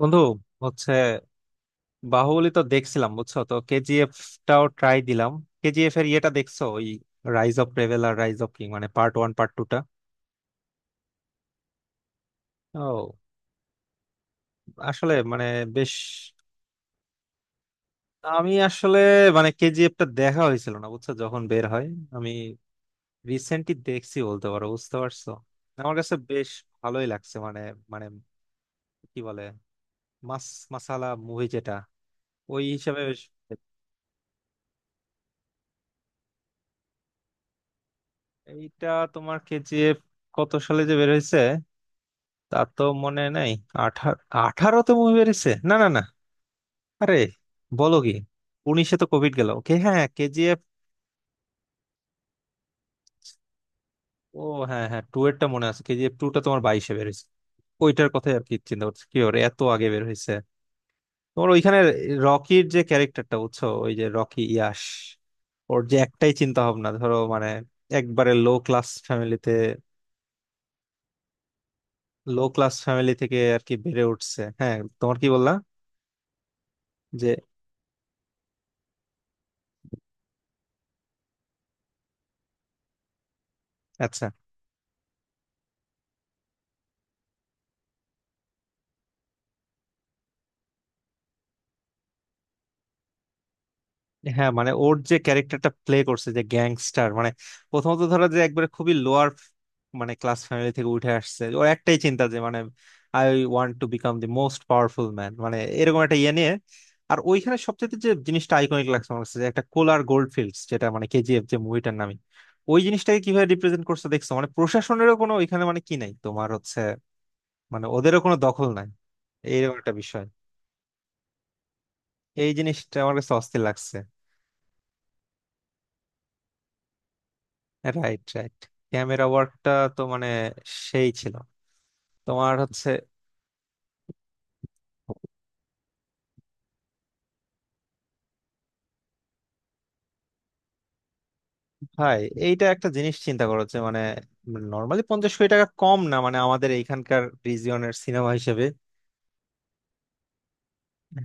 বন্ধু হচ্ছে, বাহুবলী তো দেখছিলাম, বুঝছো? তো কেজিএফ টাও ট্রাই দিলাম। কেজিএফ এর ইয়েটা দেখছো? ওই রাইজ অফ রেবেল আর রাইজ অফ কিং, মানে পার্ট ওয়ান পার্ট টু টা। ও, আসলে মানে বেশ, আমি আসলে মানে কেজিএফ টা দেখা হয়েছিল না, বুঝছো, যখন বের হয়। আমি রিসেন্টলি দেখছি বলতে পারো, বুঝতে পারছো? আমার কাছে বেশ ভালোই লাগছে মানে মানে কি বলে, মাস মাসালা মুভি যেটা, ওই হিসাবে বেশ। এইটা তোমার কেজিএফ কত সালে যে বের হয়েছে তা তো মনে নাই। আঠারো? '18তে মুভি বেরিয়েছে? না, না, না। আরে বলো কি! '19এ তো কোভিড গেল। ওকে, হ্যাঁ কেজিএফ। ও, হ্যাঁ হ্যাঁ, টু এরটা মনে আছে, কেজিএফ টু টা তোমার '22এ বেরিয়েছে। ওইটার কথাই আর কি চিন্তা করছি, কি ওর এত আগে বের হয়েছে। তোমার ওইখানে রকির যে ক্যারেক্টারটা, বুঝছো, ওই যে রকি ইয়াশ, ওর যে একটাই চিন্তা ভাবনা, ধরো মানে একবারে লো ক্লাস ফ্যামিলিতে, লো ক্লাস ফ্যামিলি থেকে আর কি বেড়ে উঠছে। হ্যাঁ, তোমার কি বললা? যে আচ্ছা। হ্যাঁ মানে ওর যে ক্যারেক্টারটা প্লে করছে, যে গ্যাংস্টার মানে, প্রথমত ধরো যে একবারে খুবই লোয়ার মানে ক্লাস ফ্যামিলি থেকে উঠে আসছে। ওর একটাই চিন্তা যে মানে, I want to become the most powerful man, মানে এরকম একটা ইয়ে নিয়ে। আর ওইখানে সবচেয়ে যে জিনিসটা আইকনিক লাগছে আমার কাছে, যে একটা কোলার গোল্ড ফিল্ডস, যেটা মানে কেজিএফ, যে মুভিটার নামে। ওই জিনিসটাকে কিভাবে রিপ্রেজেন্ট করছে দেখছো, মানে প্রশাসনেরও কোনো ওইখানে মানে কি নাই, তোমার হচ্ছে, মানে ওদেরও কোনো দখল নাই, এইরকম একটা বিষয়। এই জিনিসটা আমার কাছে অস্থির লাগছে। Right, right. ক্যামেরা ওয়ার্কটা তো মানে সেই ছিল তোমার হচ্ছে। ভাই, এইটা একটা জিনিস চিন্তা করো, যে মানে নর্মালি 50 কোটি টাকা কম না, মানে আমাদের এইখানকার রিজিয়নের সিনেমা হিসেবে।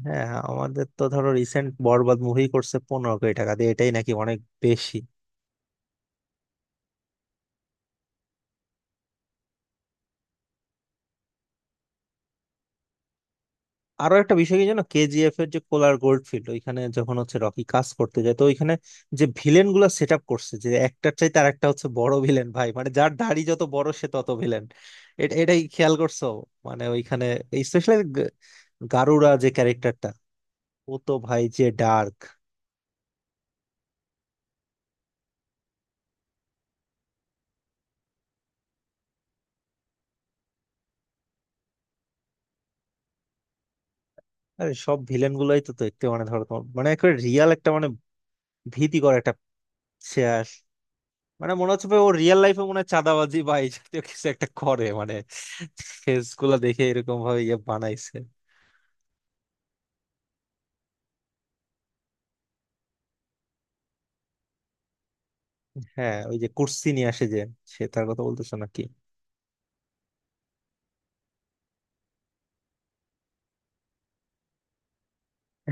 হ্যাঁ আমাদের তো ধরো রিসেন্ট বরবাদ মুভি করছে 15 কোটি টাকা দিয়ে, এটাই নাকি অনেক বেশি। আরো একটা বিষয় কি জানো, কেজিএফ এর যে কোলার গোল্ডফিল্ড, ওইখানে যখন হচ্ছে রকি কাজ করতে যায়, তো ওইখানে যে ভিলেন গুলা সেট আপ করছে, যে একটার চাই তার একটা হচ্ছে বড় ভিলেন। ভাই মানে যার দাড়ি যত বড় সে তত ভিলেন, এটাই খেয়াল করছো? মানে ওইখানে স্পেশালি গারুরা যে ক্যারেক্টারটা, ও তো ভাই যে ডার্ক। আরে সব ভিলেন গুলাই তো দেখতে মানে ধরো তোমার মানে একেবারে রিয়াল একটা, মানে ভীতিকর একটা, শেয়ার, মানে মনে হচ্ছে ভাই ও রিয়েল লাইফে মনে হয় চাঁদাবাজি বা এই জাতীয় কিছু একটা করে, মানে ফেস গুলা দেখে এরকম ভাবে ইয়ে বানাইছে। হ্যাঁ ওই যে কুর্সি নিয়ে আসে, যে সে তার কথা বলতেছে নাকি?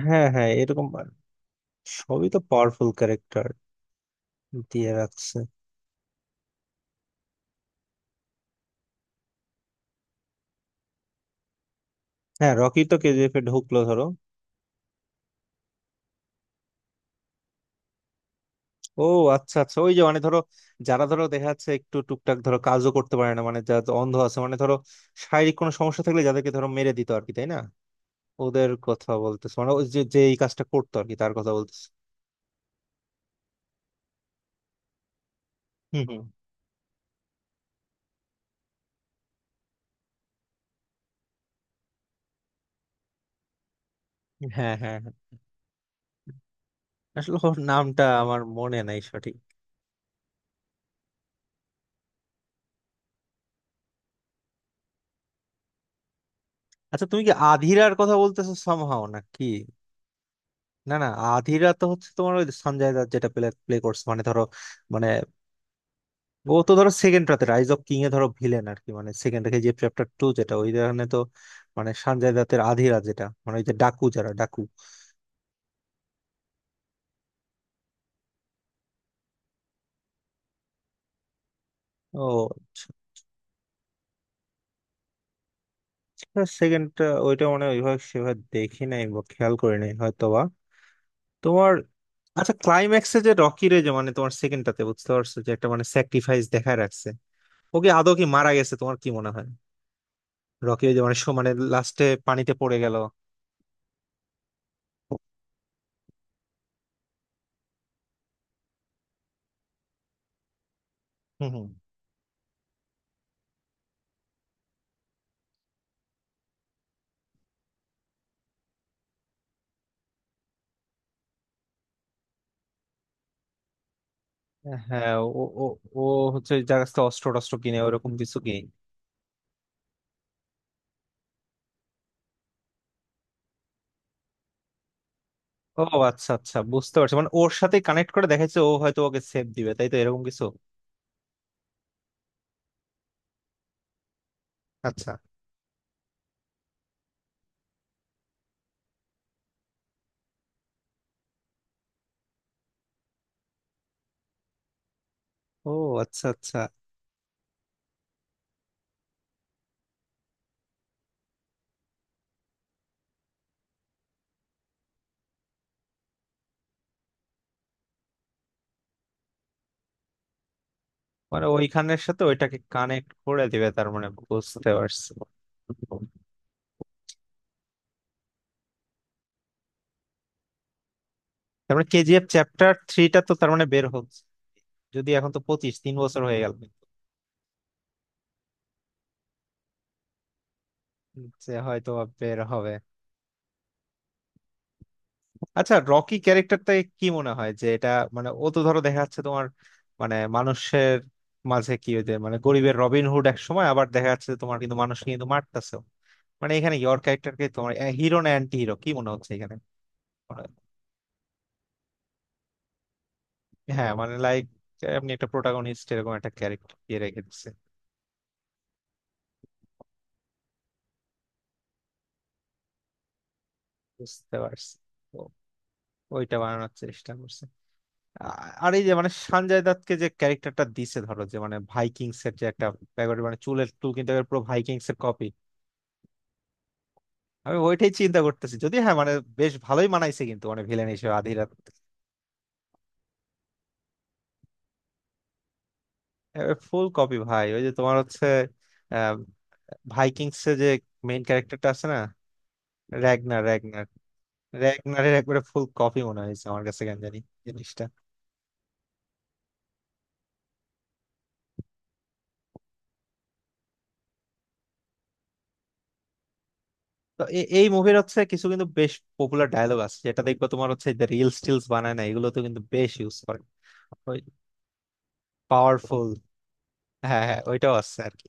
হ্যাঁ হ্যাঁ এরকম, সবই তো পাওয়ারফুল ক্যারেক্টার দিয়ে রাখছে। হ্যাঁ রকি তো কেজিএফ এ ঢুকলো ধরো। ও আচ্ছা আচ্ছা, ওই যে মানে ধরো যারা ধরো দেখা যাচ্ছে একটু টুকটাক ধরো কাজও করতে পারে না, মানে যারা অন্ধ আছে, মানে ধরো শারীরিক কোনো সমস্যা থাকলে যাদেরকে ধরো মেরে দিত আর কি, তাই না? ওদের কথা বলতেছে, মানে ওই যে যে এই কাজটা করতো আর কি, তার কথা বলতেছে। হুম হুম। হ্যাঁ হ্যাঁ হ্যাঁ। আসলে ওর নামটা আমার মনে নাই সঠিক। আচ্ছা তুমি কি আধিরার কথা বলতেছো সামহাও, না কি? না না, আধিরা তো হচ্ছে তোমার ওই সঞ্জয় দত্ত যেটা প্লে প্লে করছে, মানে ধরো মানে ও তো ধরো সেকেন্ড রাতে রাইজ অফ কিং এ ধরো ভিলেন আর কি, মানে সেকেন্ড রেখে যে চ্যাপ্টার টু যেটা, ওই ধরনের তো। মানে সঞ্জয় দত্তের আধিরা যেটা, মানে ওই যে ডাকু, যারা ডাকু। ও, সেকেন্ড, ওইটা মানে ওইভাবে সেভাবে দেখি নাই বা খেয়াল করি নাই হয়তোবা। তোমার আচ্ছা ক্লাইম্যাক্সে যে রকিরে যে মানে তোমার সেকেন্ডটাতে, বুঝতে পারছো, যে একটা মানে স্যাক্রিফাইস দেখায় রাখছে, ওকে আদৌ কি মারা গেছে তোমার কি মনে হয়? রকি ওই যে মানে মানে লাস্টে পানিতে পড়ে গেল। হুম হুম। হ্যাঁ, ও ও, ও হচ্ছে যার কাছ থেকে অস্ত্র টস্ত্র কিনে ওরকম কিছু কিনে। ও আচ্ছা আচ্ছা, বুঝতে পারছি, মানে ওর সাথে কানেক্ট করে দেখাচ্ছে, ও হয়তো ওকে সেভ দিবে, তাই তো এরকম কিছু। আচ্ছা। ও আচ্ছা আচ্ছা, মানে ওইখানের সাথে ওইটাকে কানেক্ট করে দিবে, তার মানে বুঝতে পারছি। তারপরে কেজিএফ চ্যাপ্টার থ্রিটা তো তার মানে বের হচ্ছে, যদি এখন, তো 25, 3 বছর হয়ে গেল যে হয়তো বের হবে। আচ্ছা, রকি ক্যারেক্টারটা কি মনে হয় যে এটা, মানে ও তো ধরো দেখা যাচ্ছে তোমার মানে মানুষের মাঝে কি ওই যে মানে গরিবের রবিনহুড এক সময়, আবার দেখা যাচ্ছে যে তোমার কিন্তু মানুষ কিন্তু মারতেছে, মানে এখানে ইয়র ক্যারেক্টারকে তোমার হিরো না অ্যান্টি হিরো কি মনে হচ্ছে এখানে? মানে- হ্যাঁ মানে লাইক আপনি একটা প্রোটাগনিস্ট এরকম একটা ক্যারেক্টার দিয়ে রেখে দিচ্ছে। বুঝতে পারছি, তো ওইটা বানানোর চেষ্টা করছে। আ- আর এই যে মানে সঞ্জয় দত্তকে যে ক্যারেক্টারটা দিছে ধরো, যে মানে ভাইকিংস এর যে একটা ব্যাপার মানে চুলের চুল কিন্তু একেবারে পুরো ভাইকিংস এর কপি। আমি ওইটাই চিন্তা করতেছি, যদি হ্যাঁ মানে বেশ ভালোই মানাইছে কিন্তু মানে ভিলেন হিসেবে আধিরাত। ফুল কপি ভাই, ওই যে তোমার হচ্ছে আহ, ভাইকিংস এর যে মেইন ক্যারেক্টারটা আছে না, র্যাগনার র্যাগনার। র্যাগনারের একবারে ফুল কপি মনে হয়েছে আমার কাছে কেন জানি জিনিসটা। তো এই মুভির হচ্ছে কিছু কিন্তু বেশ পপুলার ডায়লগ আছে, যেটা দেখবো তোমার হচ্ছে রিলস টিলস বানায় না, এগুলো তো কিন্তু বেশ ইউজ করে। পাওয়ারফুল, হ্যাঁ হ্যাঁ ওইটাও আছে আর কি।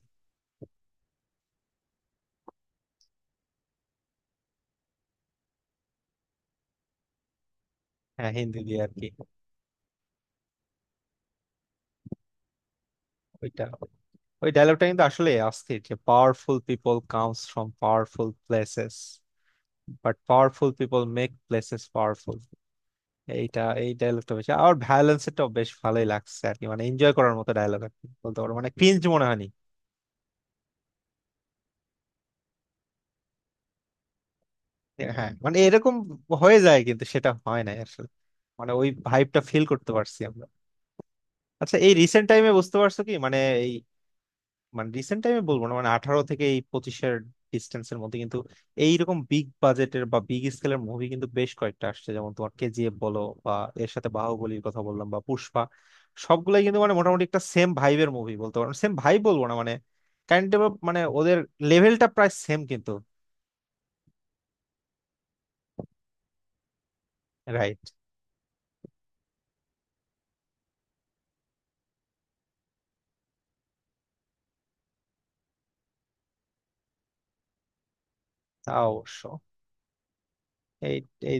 হ্যাঁ হিন্দি দিয়ে আর কি। ওইটা, ওই ডায়লগটা কিন্তু আসলে অস্থির, যে powerful people comes from powerful places, but powerful people make places powerful. এইটা, এই ডায়লগটা বেশি আর ভ্যালেন্স এটাও বেশ ভালোই লাগছে আর কি, মানে এনজয় করার মতো ডায়লগ আর কি বলতে পারো, মানে ক্রিঞ্জ মনে হয়নি। হ্যাঁ মানে এরকম হয়ে যায় কিন্তু সেটা হয় না আসলে, মানে ওই ভাইবটা ফিল করতে পারছি আমরা। আচ্ছা এই রিসেন্ট টাইমে বুঝতে পারছো কি মানে, মানে রিসেন্ট টাইমে বলবো না, মানে '18 থেকে এই '25এর ডিস্টেন্সের মধ্যে কিন্তু এইরকম বিগ বাজেটের বা বিগ স্কেলের মুভি কিন্তু বেশ কয়েকটা আসছে, যেমন তোমার কেজিএফ বলো, বা এর সাথে বাহুবলীর কথা বললাম, বা পুষ্পা। সবগুলাই কিন্তু মানে মোটামুটি একটা সেম ভাইবের মুভি বলতে পারো, সেম ভাই বলবো না, মানে কাইন্ড অফ মানে ওদের লেভেলটা প্রায় সেম কিন্তু। রাইট, তা অবশ্য। এই এই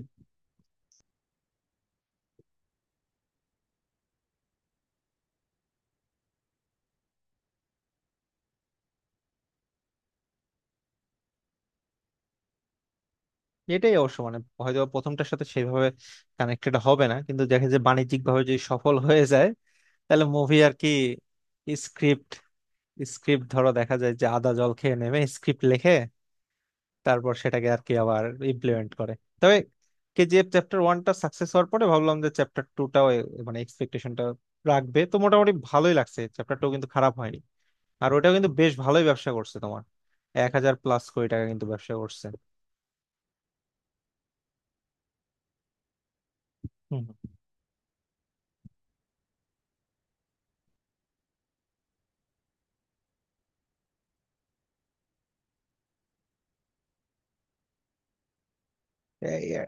এটাই অবশ্য মানে হয়তো প্রথমটার সাথে সেইভাবে কানেক্টেড হবে না, কিন্তু দেখে যে বাণিজ্যিক ভাবে যদি সফল হয়ে যায়, তাহলে মুভি আর কি। স্ক্রিপ্ট স্ক্রিপ্ট ধরো দেখা যায় যে আদা জল খেয়ে নেমে স্ক্রিপ্ট লেখে, তারপর সেটাকে আর কি আবার ইমপ্লিমেন্ট করে। তবে কেজিএফ চ্যাপ্টার ওয়ানটা সাকসেস হওয়ার পরে ভাবলাম যে চ্যাপ্টার টুটাও মানে এক্সপেকটেশনটা রাখবে, তো মোটামুটি ভালোই লাগছে, চ্যাপ্টার টু কিন্তু খারাপ হয়নি। আর ওটাও কিন্তু বেশ ভালোই ব্যবসা করছে তোমার, 1,000+ কোটি টাকা কিন্তু ব্যবসা করছে। হুম। এই, আহ,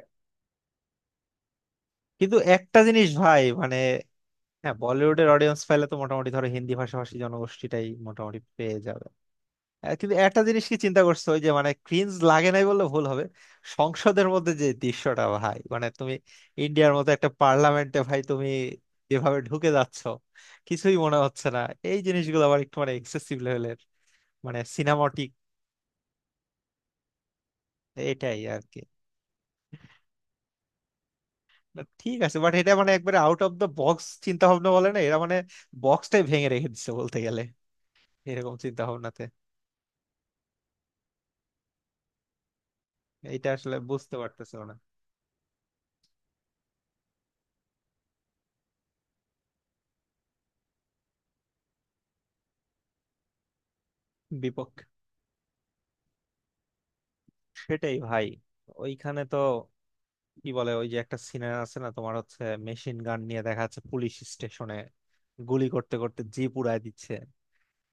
কিন্তু একটা জিনিস ভাই মানে, হ্যাঁ বলিউডের অডিয়েন্স পাইলে তো মোটামুটি ধরো হিন্দি ভাষাভাষী জনগোষ্ঠীটাই মোটামুটি পেয়ে যাবে। আহ, কিন্তু একটা জিনিস কি চিন্তা করছো, ওই যে মানে ক্রিঞ্জ লাগে নাই বললে ভুল হবে। সংসদের মধ্যে যে দৃশ্যটা ভাই, মানে তুমি ইন্ডিয়ার মতো একটা পার্লামেন্টে ভাই তুমি যেভাবে ঢুকে যাচ্ছ কিছুই মনে হচ্ছে না। এই জিনিসগুলো আবার একটু মানে এক্সেসিভ লেভেলের, মানে সিনেমাটিক, এটাই আর কি। But ঠিক আছে, বাট এটা মানে একবারে আউট অফ দ্য বক্স চিন্তা ভাবনা বলে না, এরা মানে বক্সটাই ভেঙে রেখে দিচ্ছে বলতে গেলে এরকম চিন্তা ভাবনাতে। এটা আসলে বুঝতে পারতেছে না বিপক্ষ। সেটাই ভাই, ওইখানে তো কি বলে, ওই যে একটা সিনার আছে না তোমার হচ্ছে, মেশিন গান নিয়ে দেখা যাচ্ছে পুলিশ স্টেশনে গুলি করতে করতে জিপ উড়ায় দিচ্ছে,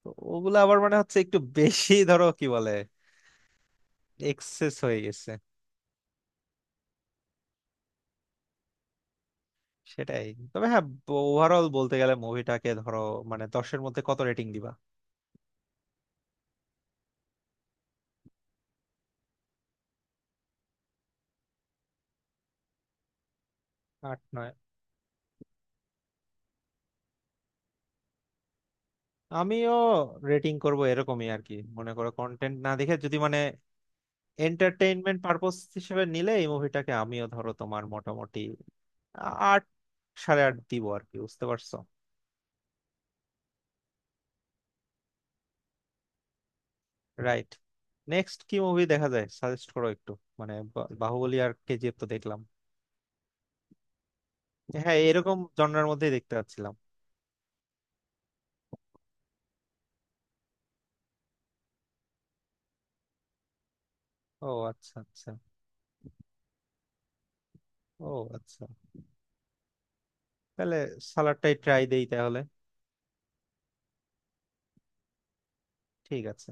তো ওগুলো আবার মানে হচ্ছে একটু বেশি ধরো কি বলে, এক্সেস হয়ে গেছে। সেটাই। তবে হ্যাঁ, ওভারঅল বলতে গেলে মুভিটাকে ধরো মানে 10এর মধ্যে কত রেটিং দিবা? 8-9। আমিও রেটিং করব এরকমই আর কি, মনে করো কন্টেন্ট না দেখে যদি মানে এন্টারটেইনমেন্ট পারপোজ হিসেবে নিলে এই মুভিটাকে আমিও ধরো তোমার মোটামুটি 8, 8.5 দিব আর কি, বুঝতে পারছো? রাইট। নেক্সট কি মুভি দেখা যায় সাজেস্ট করো একটু, মানে বাহুবলী আর কেজিএফ তো দেখলাম। হ্যাঁ এরকম জনরার মধ্যেই দেখতে পাচ্ছিলাম। ও আচ্ছা আচ্ছা, ও আচ্ছা। তাহলে সালাডটাই ট্রাই দেই তাহলে। ঠিক আছে।